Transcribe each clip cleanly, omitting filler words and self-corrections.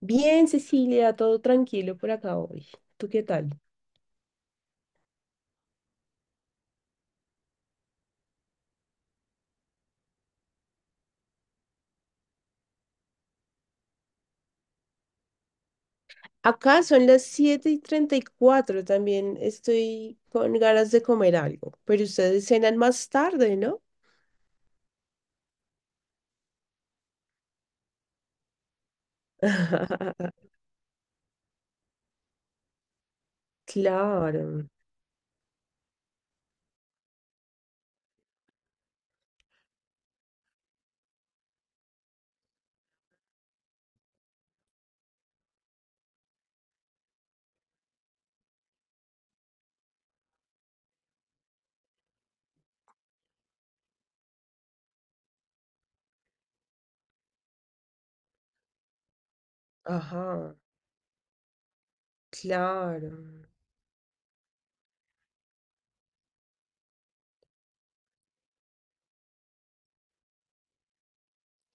Bien, Cecilia, todo tranquilo por acá hoy. ¿Tú qué tal? Acá son las 7:34. También estoy con ganas de comer algo, pero ustedes cenan más tarde, ¿no? Claro, ajá, claro.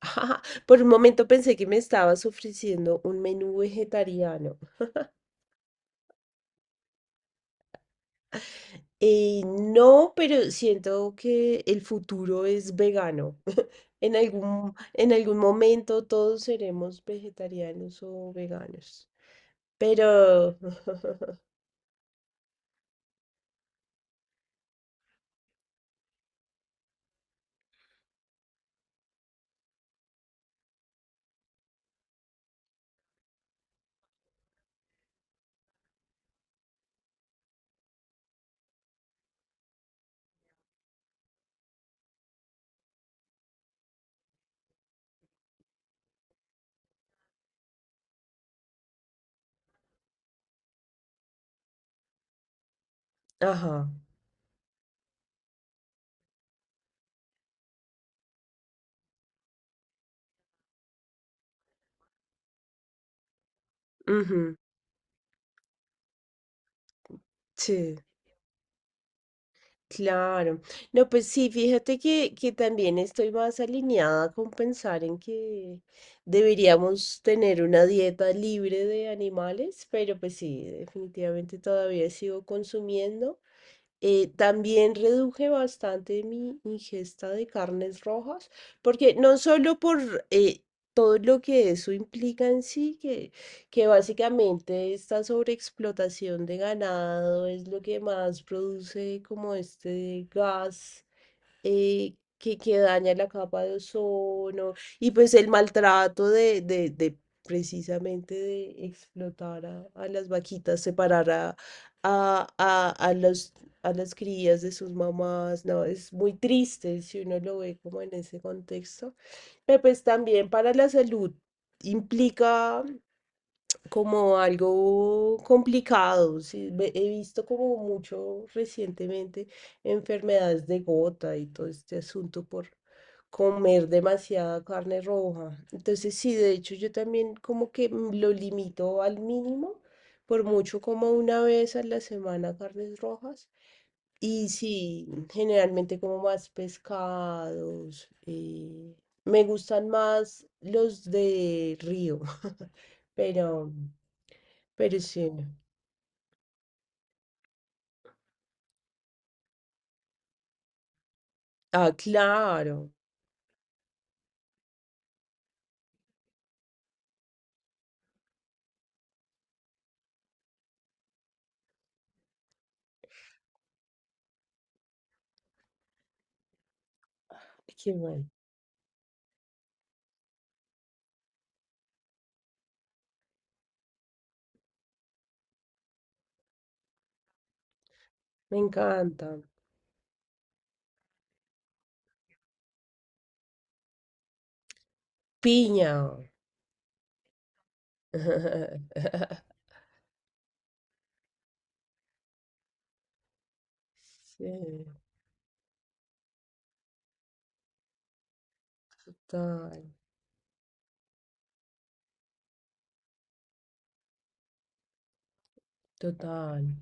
Ajá, por un momento pensé que me estabas ofreciendo un menú vegetariano. No, pero siento que el futuro es vegano. En algún momento todos seremos vegetarianos o veganos. Pero, ajá, ujú, sí, claro. No, pues sí, fíjate que, también estoy más alineada con pensar en que deberíamos tener una dieta libre de animales, pero pues sí, definitivamente todavía sigo consumiendo. También reduje bastante mi ingesta de carnes rojas, porque no solo por todo lo que eso implica en sí, que, básicamente esta sobreexplotación de ganado es lo que más produce como este gas que daña la capa de ozono y pues el maltrato de, de precisamente de explotar a las vaquitas, separar a, a, a los, a las crías de sus mamás, no, es muy triste si uno lo ve como en ese contexto, pero pues también para la salud implica como algo complicado. Sí, he visto como mucho recientemente enfermedades de gota y todo este asunto por comer demasiada carne roja. Entonces, sí, de hecho, yo también como que lo limito al mínimo, por mucho como una vez a la semana carnes rojas. Y sí, generalmente como más pescados. Me gustan más los de río, pero, pero, sí. Ah, claro. Qué bueno. Me encanta. Piña. Sí, total, total.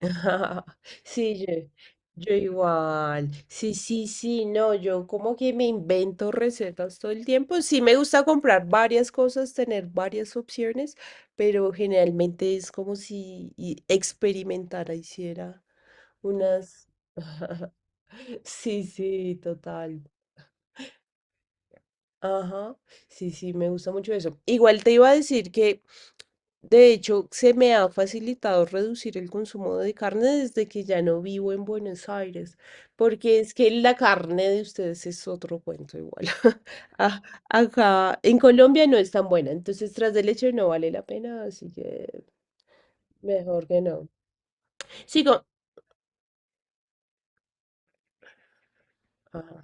Sí, yo igual. Sí, sí, sí, no, yo como que me invento recetas todo el tiempo. Sí, me gusta comprar varias cosas, tener varias opciones, pero generalmente es como si experimentara, hiciera unas... Sí, sí, total. Ajá, sí, sí, me gusta mucho eso. Igual te iba a decir que, de hecho, se me ha facilitado reducir el consumo de carne desde que ya no vivo en Buenos Aires, porque es que la carne de ustedes es otro cuento igual. A- Acá en Colombia no es tan buena, entonces tras de leche no vale la pena, así que mejor que no. Sigo. Ah.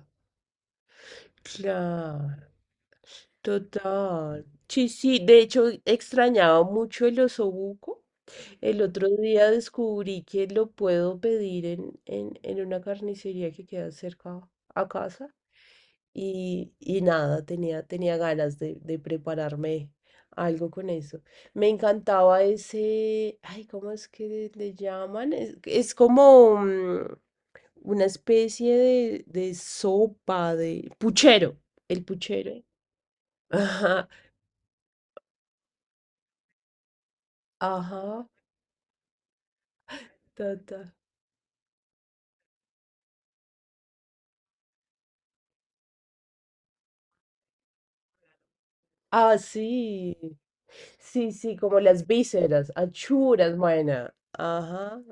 Claro. Total. Sí, sí, de hecho extrañaba mucho el osobuco. El otro día descubrí que lo puedo pedir en, en una carnicería que queda cerca a casa. Y nada, tenía, ganas de prepararme algo con eso. Me encantaba ese, ay, ¿cómo es que le llaman? es, como, una especie de sopa, de puchero, el puchero. Ajá, ajá, ta, ta. Ah, sí, sí, sí, como las vísceras, achuras, buena. Ajá.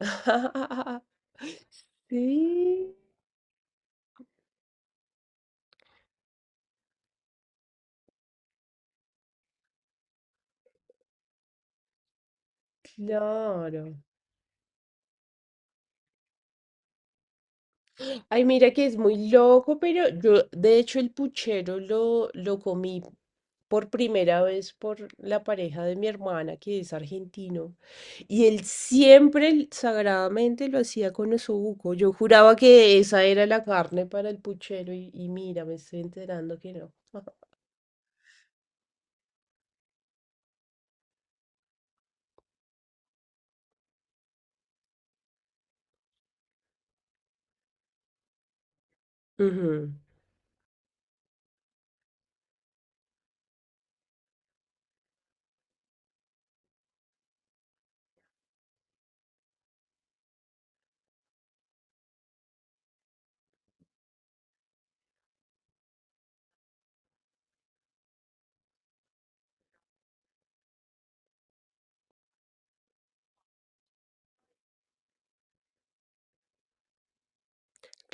Sí, claro. Ay, mira que es muy loco, pero yo, de hecho, el puchero lo, comí por primera vez por la pareja de mi hermana, que es argentino. Y él siempre sagradamente lo hacía con osobuco. Yo juraba que esa era la carne para el puchero y mira, me estoy enterando que no. Ujú,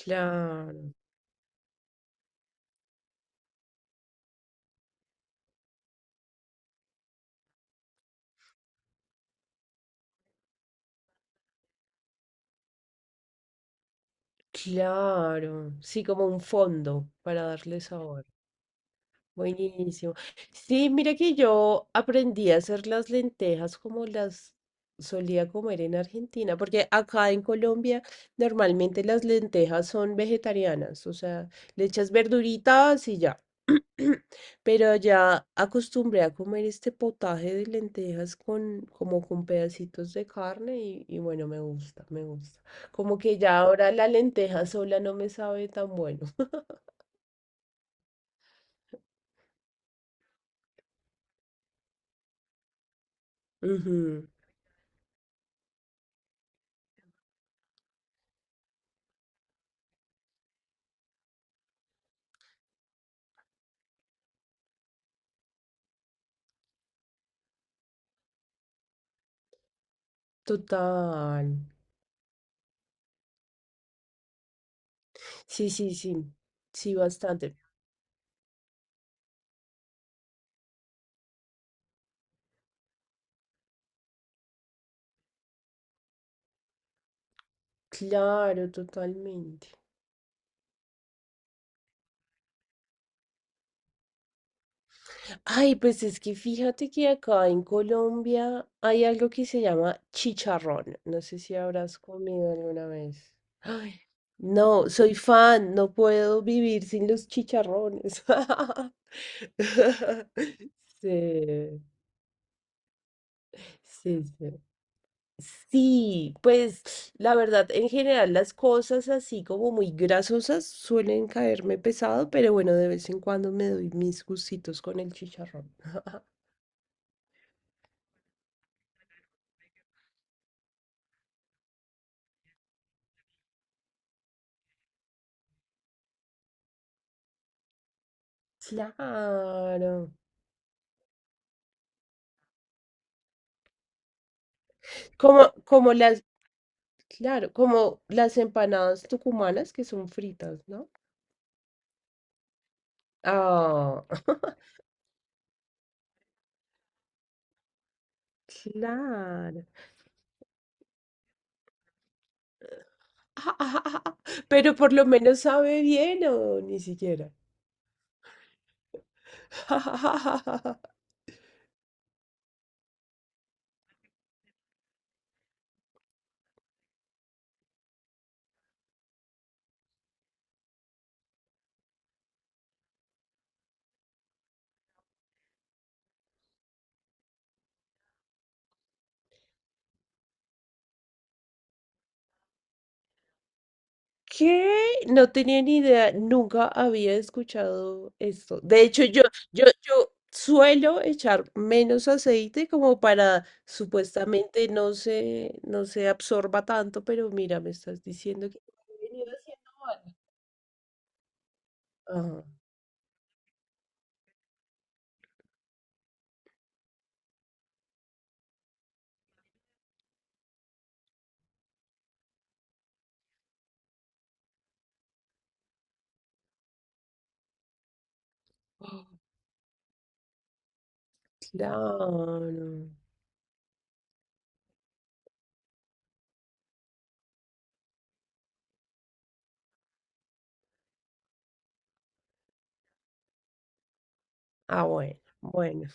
claro, claro. Sí, como un fondo para darle sabor. Buenísimo. Sí, mira que yo aprendí a hacer las lentejas como las solía comer en Argentina, porque acá en Colombia normalmente las lentejas son vegetarianas, o sea, le echas verduritas y ya. Pero ya acostumbré a comer este potaje de lentejas con como con pedacitos de carne y bueno, me gusta, me gusta. Como que ya ahora la lenteja sola no me sabe tan bueno. Ujú, total. Sí, sí, sí, sí, bastante. Claro, totalmente. Ay, pues es que fíjate que acá en Colombia hay algo que se llama chicharrón. No sé si habrás comido alguna vez. Ay, no, soy fan, no puedo vivir sin los chicharrones. Sí, sí, sí. Sí, pues la verdad, en general las cosas así como muy grasosas suelen caerme pesado, pero bueno, de vez en cuando me doy mis gustitos con el chicharrón. Claro. Como, como las, claro, como las empanadas tucumanas que son fritas, ¿no? Ah, claro. Pero por lo menos sabe bien o ni siquiera. ¿Qué? No tenía ni idea, nunca había escuchado esto. De hecho, yo, suelo echar menos aceite como para supuestamente no se absorba tanto, pero mira, me estás diciendo que he venido haciendo mal. Ah, ah, claro. Ah, bueno, bueno,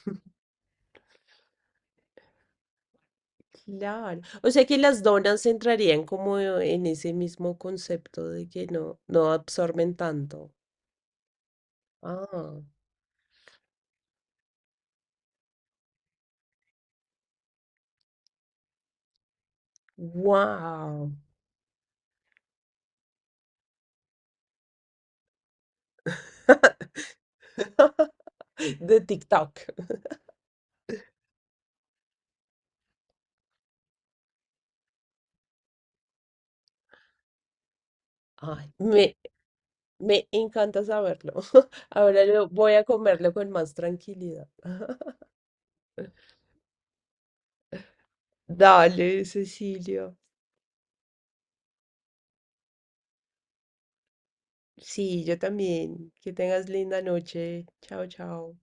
claro. O sea que las donas entrarían como en ese mismo concepto de que no, no absorben tanto. Ah. Wow. De TikTok. Ay, me, encanta saberlo. Ahora lo voy a comerlo con más tranquilidad. Dale, Cecilio. Sí, yo también. Que tengas linda noche. Chao, chao.